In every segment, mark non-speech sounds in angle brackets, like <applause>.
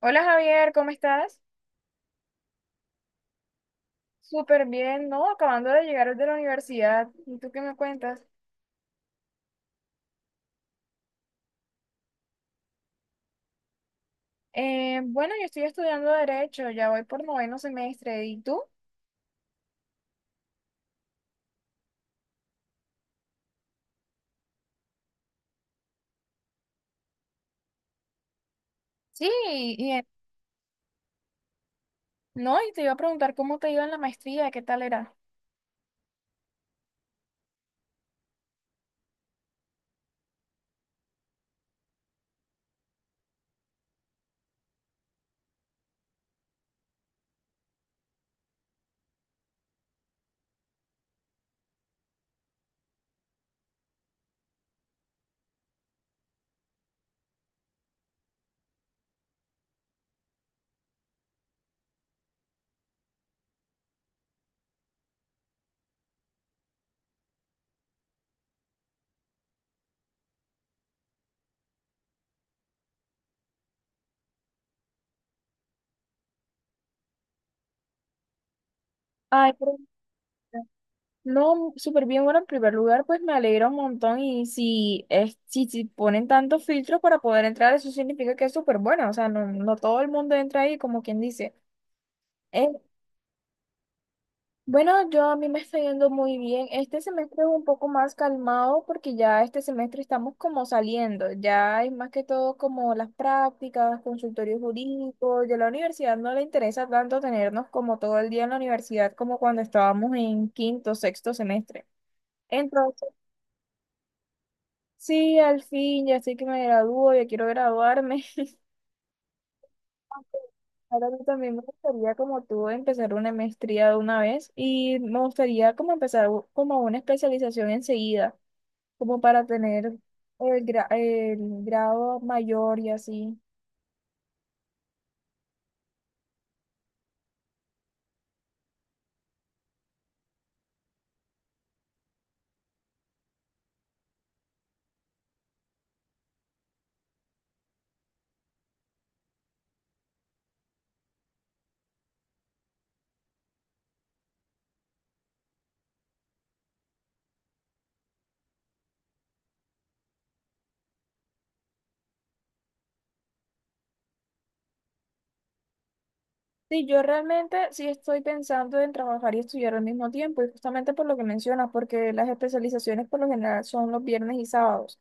Hola Javier, ¿cómo estás? Súper bien, ¿no? Acabando de llegar de la universidad. ¿Y tú qué me cuentas? Bueno, yo estoy estudiando Derecho, ya voy por noveno semestre. ¿Y tú? Sí, y, eh, no, y te iba a preguntar cómo te iba en la maestría, ¿qué tal era? Ay, no, súper bien. Bueno, en primer lugar, pues me alegra un montón. Y si, es, si, si ponen tantos filtros para poder entrar, eso significa que es súper bueno. O sea, no, no todo el mundo entra ahí, como quien dice. Eh, Bueno, yo a mí me está yendo muy bien. Este semestre es un poco más calmado porque ya este semestre estamos como saliendo. Ya es más que todo como las prácticas, consultorios jurídicos. Ya la universidad no le interesa tanto tenernos como todo el día en la universidad como cuando estábamos en quinto, sexto semestre. Entonces, sí, al fin, ya sé que me gradúo, ya quiero graduarme. <laughs> Ahora yo también me gustaría, como tú, empezar una maestría de una vez y me gustaría como empezar como una especialización enseguida. Como para tener el grado mayor y así. Sí, yo realmente sí estoy pensando en trabajar y estudiar al mismo tiempo, y justamente por lo que mencionas, porque las especializaciones por lo general son los viernes y sábados.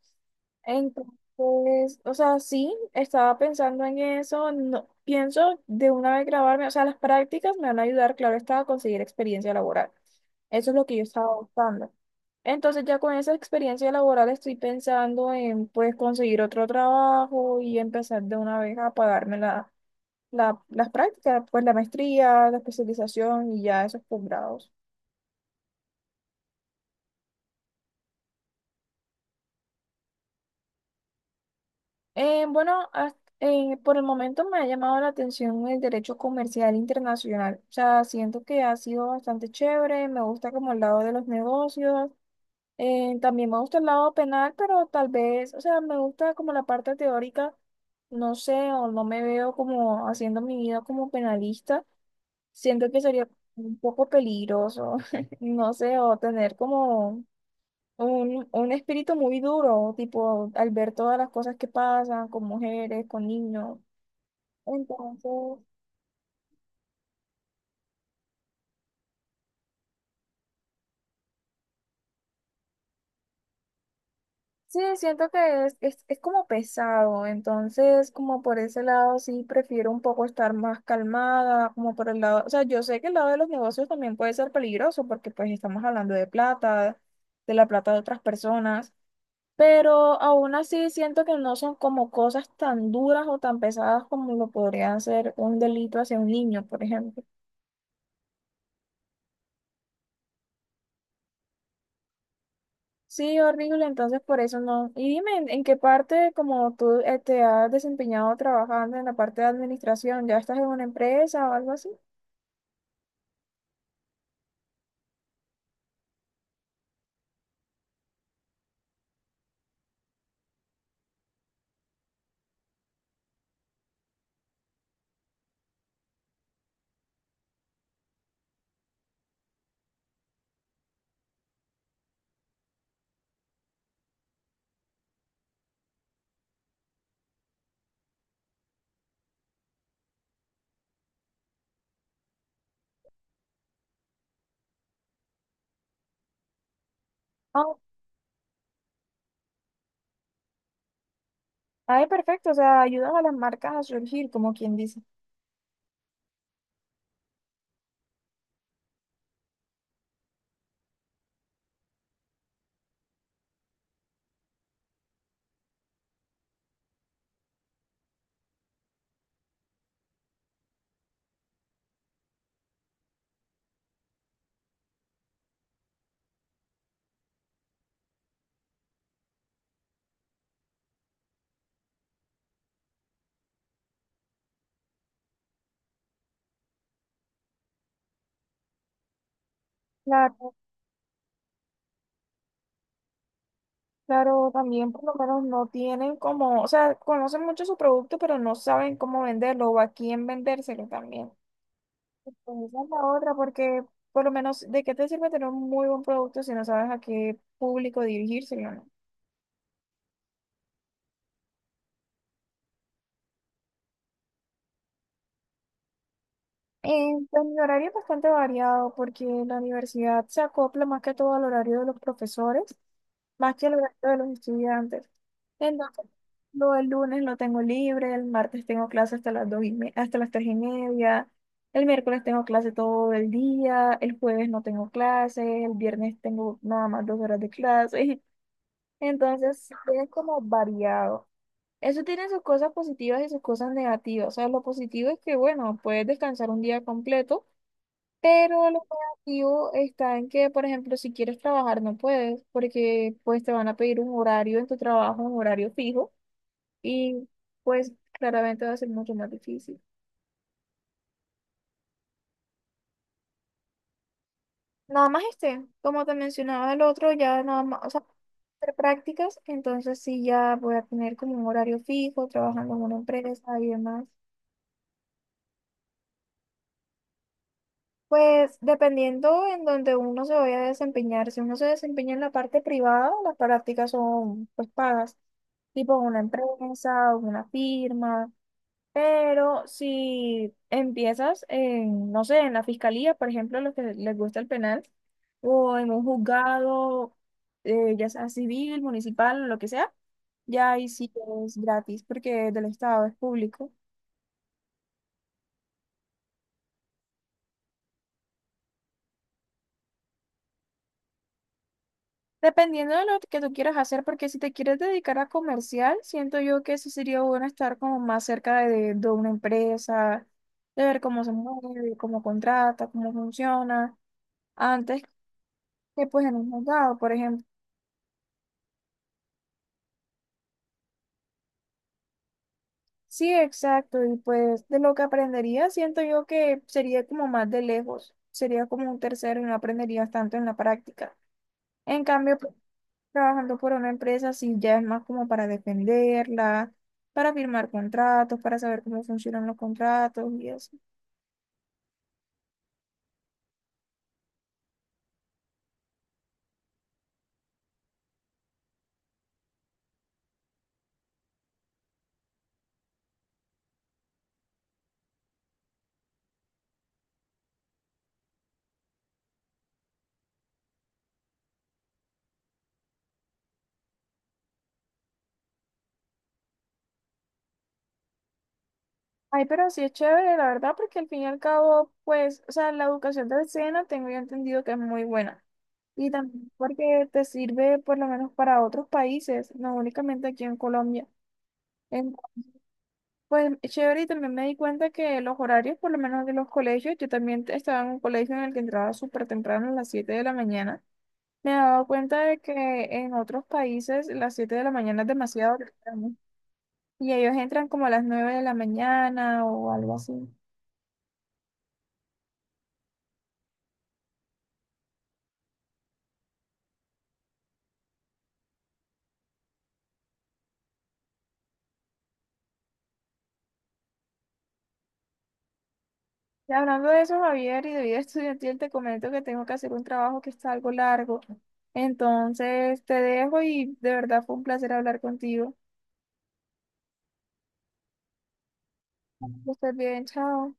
Entonces, o sea, sí, estaba pensando en eso, no, pienso de una vez grabarme, o sea, las prácticas me van a ayudar, claro está, a conseguir experiencia laboral. Eso es lo que yo estaba buscando. Entonces, ya con esa experiencia laboral estoy pensando en, pues, conseguir otro trabajo y empezar de una vez a pagarme la las prácticas, pues la maestría, la especialización y ya esos posgrados. Bueno, por el momento me ha llamado la atención el derecho comercial internacional. O sea, siento que ha sido bastante chévere, me gusta como el lado de los negocios, también me gusta el lado penal, pero tal vez, o sea, me gusta como la parte teórica, no sé, o no me veo como haciendo mi vida como penalista. Siento que sería un poco peligroso, <laughs> no sé, o tener como un espíritu muy duro, tipo al ver todas las cosas que pasan con mujeres, con niños. Entonces, sí, siento que es como pesado. Entonces, como por ese lado, sí, prefiero un poco estar más calmada, como por el lado, o sea, yo sé que el lado de los negocios también puede ser peligroso porque pues estamos hablando de plata, de la plata de otras personas. Pero aún así siento que no son como cosas tan duras o tan pesadas como lo podrían ser un delito hacia un niño, por ejemplo. Sí, horrible, entonces por eso no. Y dime, ¿en qué parte, como tú te has desempeñado trabajando en la parte de administración, ya estás en una empresa o algo así? Oh, ay, perfecto, o sea, ayudas a las marcas a surgir, como quien dice. Claro, claro, también por lo menos no tienen como, o sea, conocen mucho su producto, pero no saben cómo venderlo o a quién vendérselo también. Pues esa es la otra, porque por lo menos, ¿de qué te sirve tener un muy buen producto si no sabes a qué público dirigírselo, no? Pues, mi horario es bastante variado porque la universidad se acopla más que todo al horario de los profesores, más que al horario de los estudiantes. Entonces, lo del lunes lo tengo libre, el martes tengo clase hasta las 2 y hasta las 3:30, el miércoles tengo clase todo el día, el jueves no tengo clase, el viernes tengo nada más 2 horas de clase. <laughs> Entonces, es como variado. Eso tiene sus cosas positivas y sus cosas negativas. O sea, lo positivo es que, bueno, puedes descansar un día completo. Pero lo negativo está en que, por ejemplo, si quieres trabajar no puedes, porque pues te van a pedir un horario en tu trabajo, un horario fijo, y pues claramente va a ser mucho más difícil. Nada más este, como te mencionaba el otro, ya nada más, o sea, hacer prácticas, entonces sí ya voy a tener como un horario fijo, trabajando en una empresa y demás. Pues dependiendo en donde uno se vaya a desempeñar, si uno se desempeña en la parte privada, las prácticas son pues pagas, tipo en una empresa o una firma, pero si empiezas en, no sé, en la fiscalía, por ejemplo, los que les gusta el penal, o en un juzgado, ya sea civil, municipal, lo que sea, ya ahí sí es gratis porque es del Estado, es público. Dependiendo de lo que tú quieras hacer, porque si te quieres dedicar a comercial, siento yo que sí sería bueno estar como más cerca de una empresa, de ver cómo se mueve, cómo contrata, cómo funciona, antes que pues en un juzgado, por ejemplo. Sí, exacto, y pues de lo que aprendería, siento yo que sería como más de lejos, sería como un tercero y no aprenderías tanto en la práctica. En cambio, pues, trabajando por una empresa, sí, ya es más como para defenderla, para firmar contratos, para saber cómo funcionan los contratos y eso. Ay, pero sí es chévere, la verdad, porque al fin y al cabo, pues, o sea, la educación de escena tengo yo entendido que es muy buena. Y también porque te sirve por lo menos para otros países, no únicamente aquí en Colombia. Entonces, pues es chévere y también me di cuenta que los horarios, por lo menos de los colegios, yo también estaba en un colegio en el que entraba súper temprano a las 7 de la mañana. Me he dado cuenta de que en otros países las 7 de la mañana es demasiado temprano y ellos entran como a las 9 de la mañana o algo así. Y hablando de eso, Javier, y de vida <laughs> estudiantil, te comento que tengo que hacer un trabajo que está algo largo. Entonces, te dejo y de verdad fue un placer hablar contigo. Que estés bien, chao.